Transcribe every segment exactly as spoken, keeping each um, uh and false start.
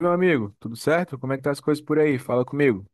Meu amigo, tudo certo? Como é que tá as coisas por aí? Fala comigo.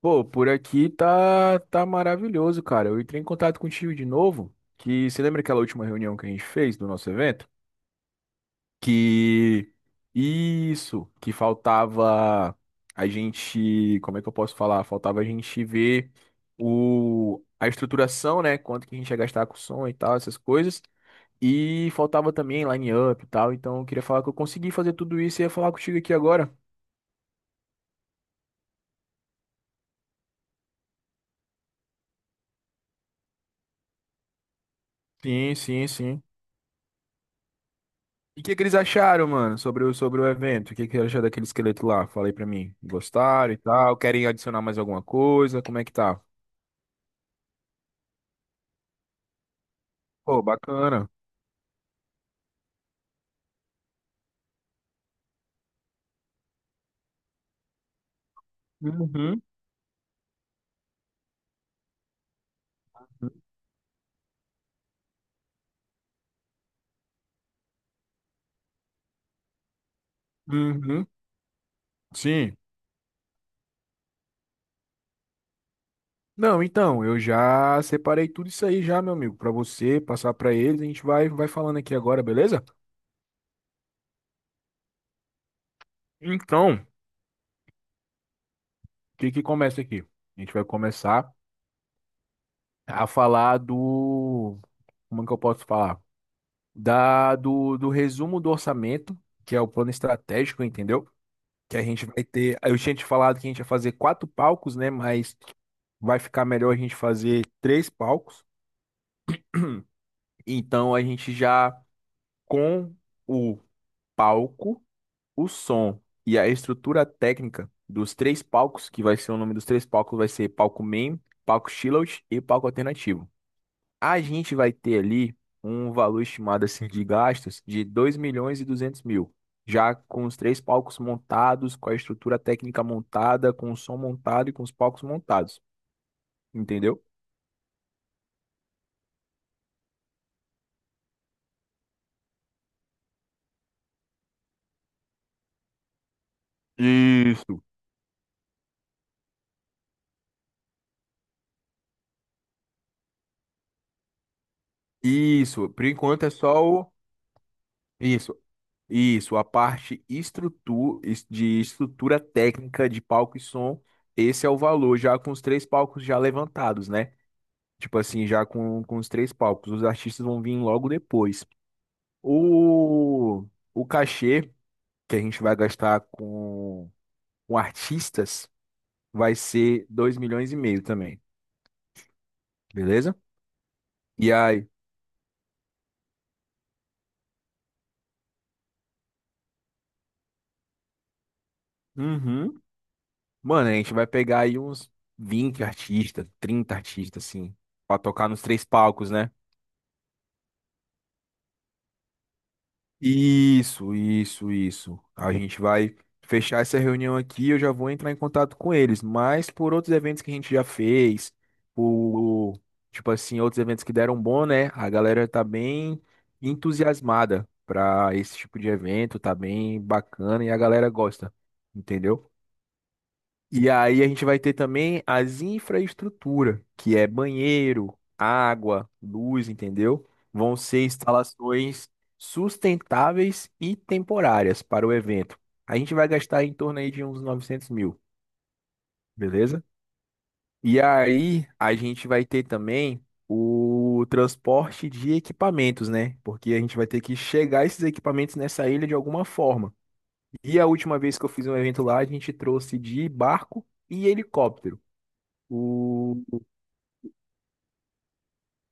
Pô, por aqui tá tá maravilhoso, cara. Eu entrei em contato contigo de novo, que você lembra aquela última reunião que a gente fez do nosso evento? Que isso, que faltava a gente, como é que eu posso falar? Faltava a gente ver o a estruturação, né? Quanto que a gente ia gastar com som e tal, essas coisas. E faltava também line-up e tal, então eu queria falar que eu consegui fazer tudo isso e ia falar contigo aqui agora. Sim, sim, sim. E o que que eles acharam, mano, sobre o, sobre o evento? O que que eles acharam daquele esqueleto lá? Falei aí pra mim. Gostaram e tal? Querem adicionar mais alguma coisa? Como é que tá? Pô, bacana. Uhum. Uhum. Sim. Não, então, eu já separei tudo isso aí já, meu amigo, pra você passar pra eles. A gente vai, vai falando aqui agora, beleza? Então, o que que começa aqui? A gente vai começar a falar do. Como é que eu posso falar? Da, do, do resumo do orçamento, que é o plano estratégico, entendeu? Que a gente vai ter. Eu tinha te falado que a gente ia fazer quatro palcos, né? Mas vai ficar melhor a gente fazer três palcos. Então a gente já com o palco, o som e a estrutura técnica dos três palcos, que vai ser o nome dos três palcos, vai ser palco main, palco chillout e palco alternativo. A gente vai ter ali um valor estimado assim de gastos de dois milhões e duzentos mil, já com os três palcos montados, com a estrutura técnica montada, com o som montado e com os palcos montados, entendeu? Isso. Isso, por enquanto é só o. Isso, isso, a parte estrutu... es- de estrutura técnica de palco e som. Esse é o valor, já com os três palcos já levantados, né? Tipo assim, já com, com os três palcos. Os artistas vão vir logo depois. O, o cachê que a gente vai gastar com, com artistas vai ser dois milhões e meio também, beleza? E aí, uhum. Mano, a gente vai pegar aí uns vinte artistas, trinta artistas, assim, pra tocar nos três palcos, né? Isso, isso, isso. A gente vai fechar essa reunião aqui, eu já vou entrar em contato com eles, mas por outros eventos que a gente já fez, por, tipo assim, outros eventos que deram bom, né? A galera tá bem entusiasmada pra esse tipo de evento, tá bem bacana e a galera gosta, entendeu? E aí a gente vai ter também as infraestrutura, que é banheiro, água, luz, entendeu? Vão ser instalações sustentáveis e temporárias para o evento. A gente vai gastar em torno aí de uns novecentos mil, beleza? E aí a gente vai ter também o transporte de equipamentos, né? Porque a gente vai ter que chegar esses equipamentos nessa ilha de alguma forma. E a última vez que eu fiz um evento lá, a gente trouxe de barco e helicóptero o,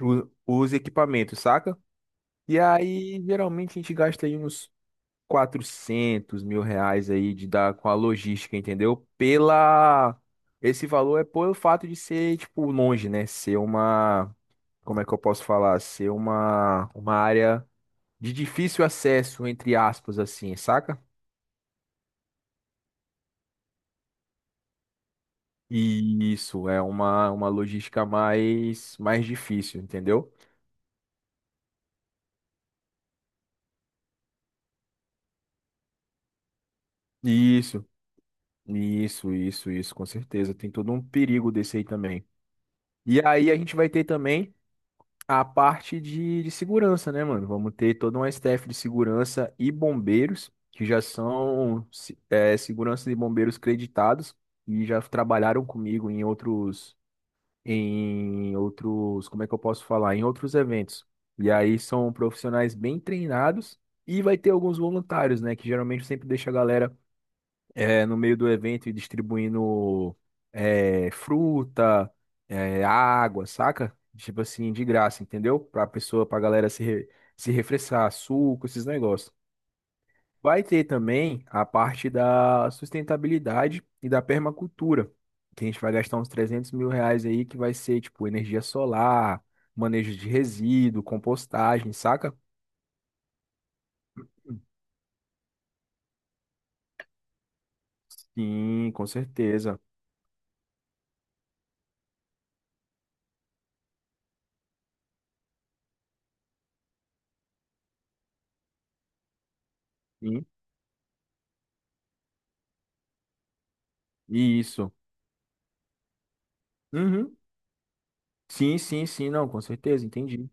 o- os equipamentos, saca? E aí, geralmente, a gente gasta aí uns quatrocentos mil reais aí de dar com a logística, entendeu? Pela... Esse valor é pelo fato de ser, tipo, longe, né? Ser uma... Como é que eu posso falar? Ser uma, uma área de difícil acesso, entre aspas, assim, saca? E isso é uma, uma logística mais, mais difícil, entendeu? Isso. Isso, isso, isso, com certeza. Tem todo um perigo desse aí também. E aí a gente vai ter também a parte de, de segurança, né, mano? Vamos ter toda uma staff de segurança e bombeiros, que já são se- é, segurança e bombeiros creditados e já trabalharam comigo em outros, em outros, como é que eu posso falar? Em outros eventos. E aí são profissionais bem treinados e vai ter alguns voluntários, né? Que geralmente eu sempre deixa a galera é, no meio do evento e distribuindo é, fruta, é, água, saca? Tipo assim, de graça, entendeu? Pra pessoa, pra galera se, re- se refrescar, suco, esses negócios. Vai ter também a parte da sustentabilidade e da permacultura, que a gente vai gastar uns trezentos mil reais aí, que vai ser tipo energia solar, manejo de resíduo, compostagem, saca? Sim, com certeza. Sim, isso. Uhum. Sim, sim, sim, não, com certeza, entendi.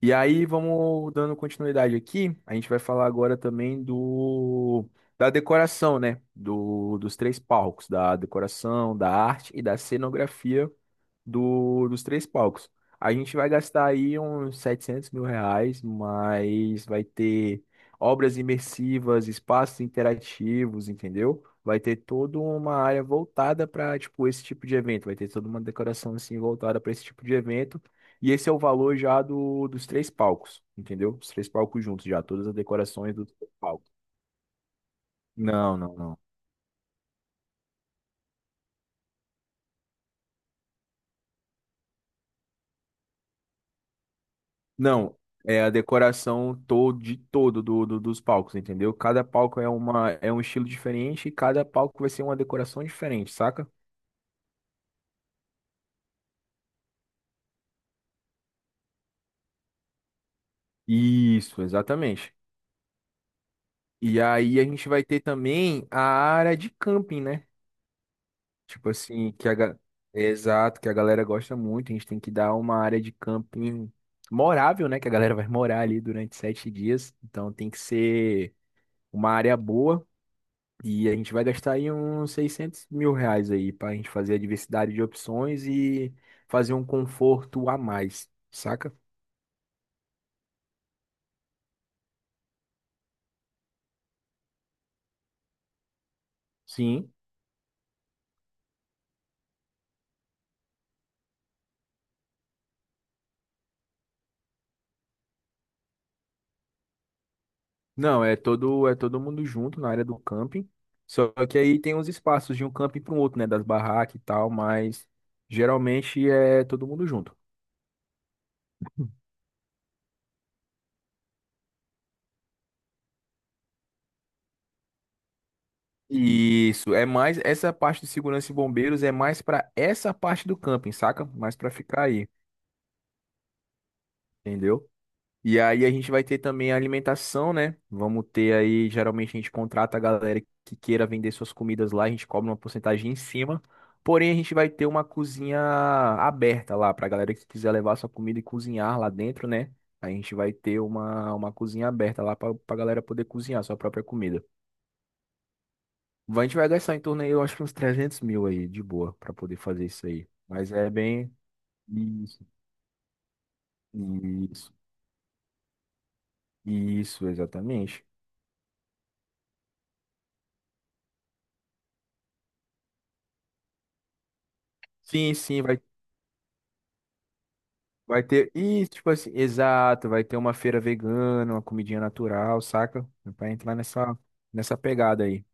E aí, vamos dando continuidade aqui. A gente vai falar agora também do da decoração, né? Do, dos três palcos, da decoração, da arte e da cenografia do, dos três palcos. A gente vai gastar aí uns setecentos mil reais, mas vai ter obras imersivas, espaços interativos, entendeu? Vai ter toda uma área voltada para, tipo, esse tipo de evento. Vai ter toda uma decoração, assim, voltada para esse tipo de evento. E esse é o valor já do, dos três palcos, entendeu? Os três palcos juntos já, todas as decorações dos três palcos. Não, não, não. Não, é a decoração todo de todo do, do- dos palcos, entendeu? Cada palco é uma é um estilo diferente e cada palco vai ser uma decoração diferente, saca? Isso, exatamente. E aí a gente vai ter também a área de camping, né? Tipo assim, que a ga- exato, que a galera gosta muito, a gente tem que dar uma área de camping morável, né, que a galera vai morar ali durante sete dias, então tem que ser uma área boa. E a gente vai gastar aí uns seiscentos mil reais aí para a gente fazer a diversidade de opções e fazer um conforto a mais, saca? Sim. Não, é todo, é todo mundo junto na área do camping. Só que aí tem uns espaços de um camping para o outro, né? Das barracas e tal, mas geralmente é todo mundo junto. Isso, é mais essa parte de segurança e bombeiros é mais para essa parte do camping, saca? Mais para ficar aí, entendeu? E aí a gente vai ter também a alimentação, né? Vamos ter aí, geralmente a gente contrata a galera que queira vender suas comidas lá, a gente cobra uma porcentagem em cima. Porém, a gente vai ter uma cozinha aberta lá para a galera que quiser levar sua comida e cozinhar lá dentro, né? A gente vai ter uma, uma cozinha aberta lá para a galera poder cozinhar sua própria comida. A gente vai gastar em torno aí, eu acho que uns trezentos mil aí, de boa, para poder fazer isso aí. Mas é bem... Isso, isso, isso, exatamente. Sim, sim, vai Vai ter. E, tipo assim, exato, vai ter uma feira vegana, uma comidinha natural, saca? Pra entrar nessa, nessa pegada aí.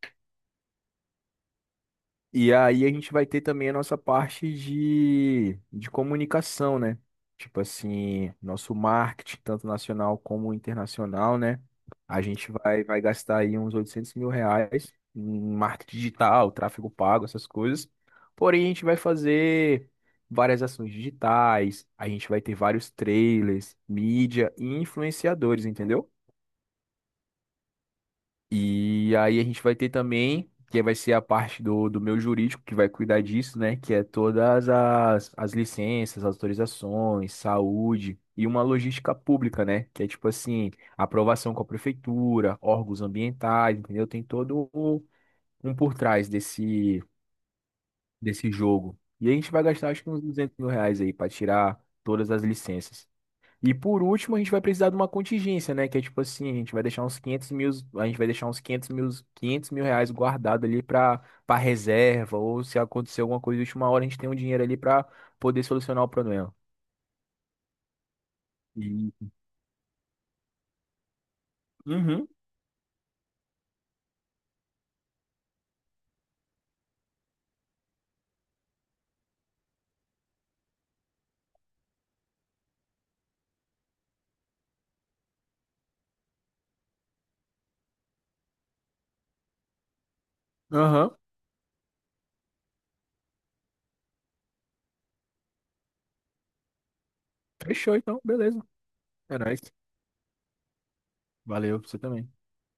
E aí a gente vai ter também a nossa parte de, de comunicação, né? Tipo assim, nosso marketing, tanto nacional como internacional, né? A gente vai, vai gastar aí uns oitocentos mil reais em marketing digital, tráfego pago, essas coisas. Porém, a gente vai fazer várias ações digitais, a gente vai ter vários trailers, mídia e influenciadores, entendeu? E aí a gente vai ter também, que vai ser a parte do, do meu jurídico, que vai cuidar disso, né? Que é todas as, as licenças, autorizações, saúde e uma logística pública, né? Que é tipo assim, aprovação com a prefeitura, órgãos ambientais, entendeu? Tem todo o- um por trás desse, desse jogo. E a gente vai gastar acho que uns duzentos mil reais aí para tirar todas as licenças. E por último, a gente vai precisar de uma contingência, né? Que é tipo assim, a gente vai deixar uns quinhentos mil, a gente vai deixar uns quinhentos mil, quinhentos mil reais guardado ali para para reserva, ou se acontecer alguma coisa de última hora, a gente tem um dinheiro ali para poder solucionar o problema. E... Uhum, aham. Fechou então, beleza. É nóis. Valeu, você também.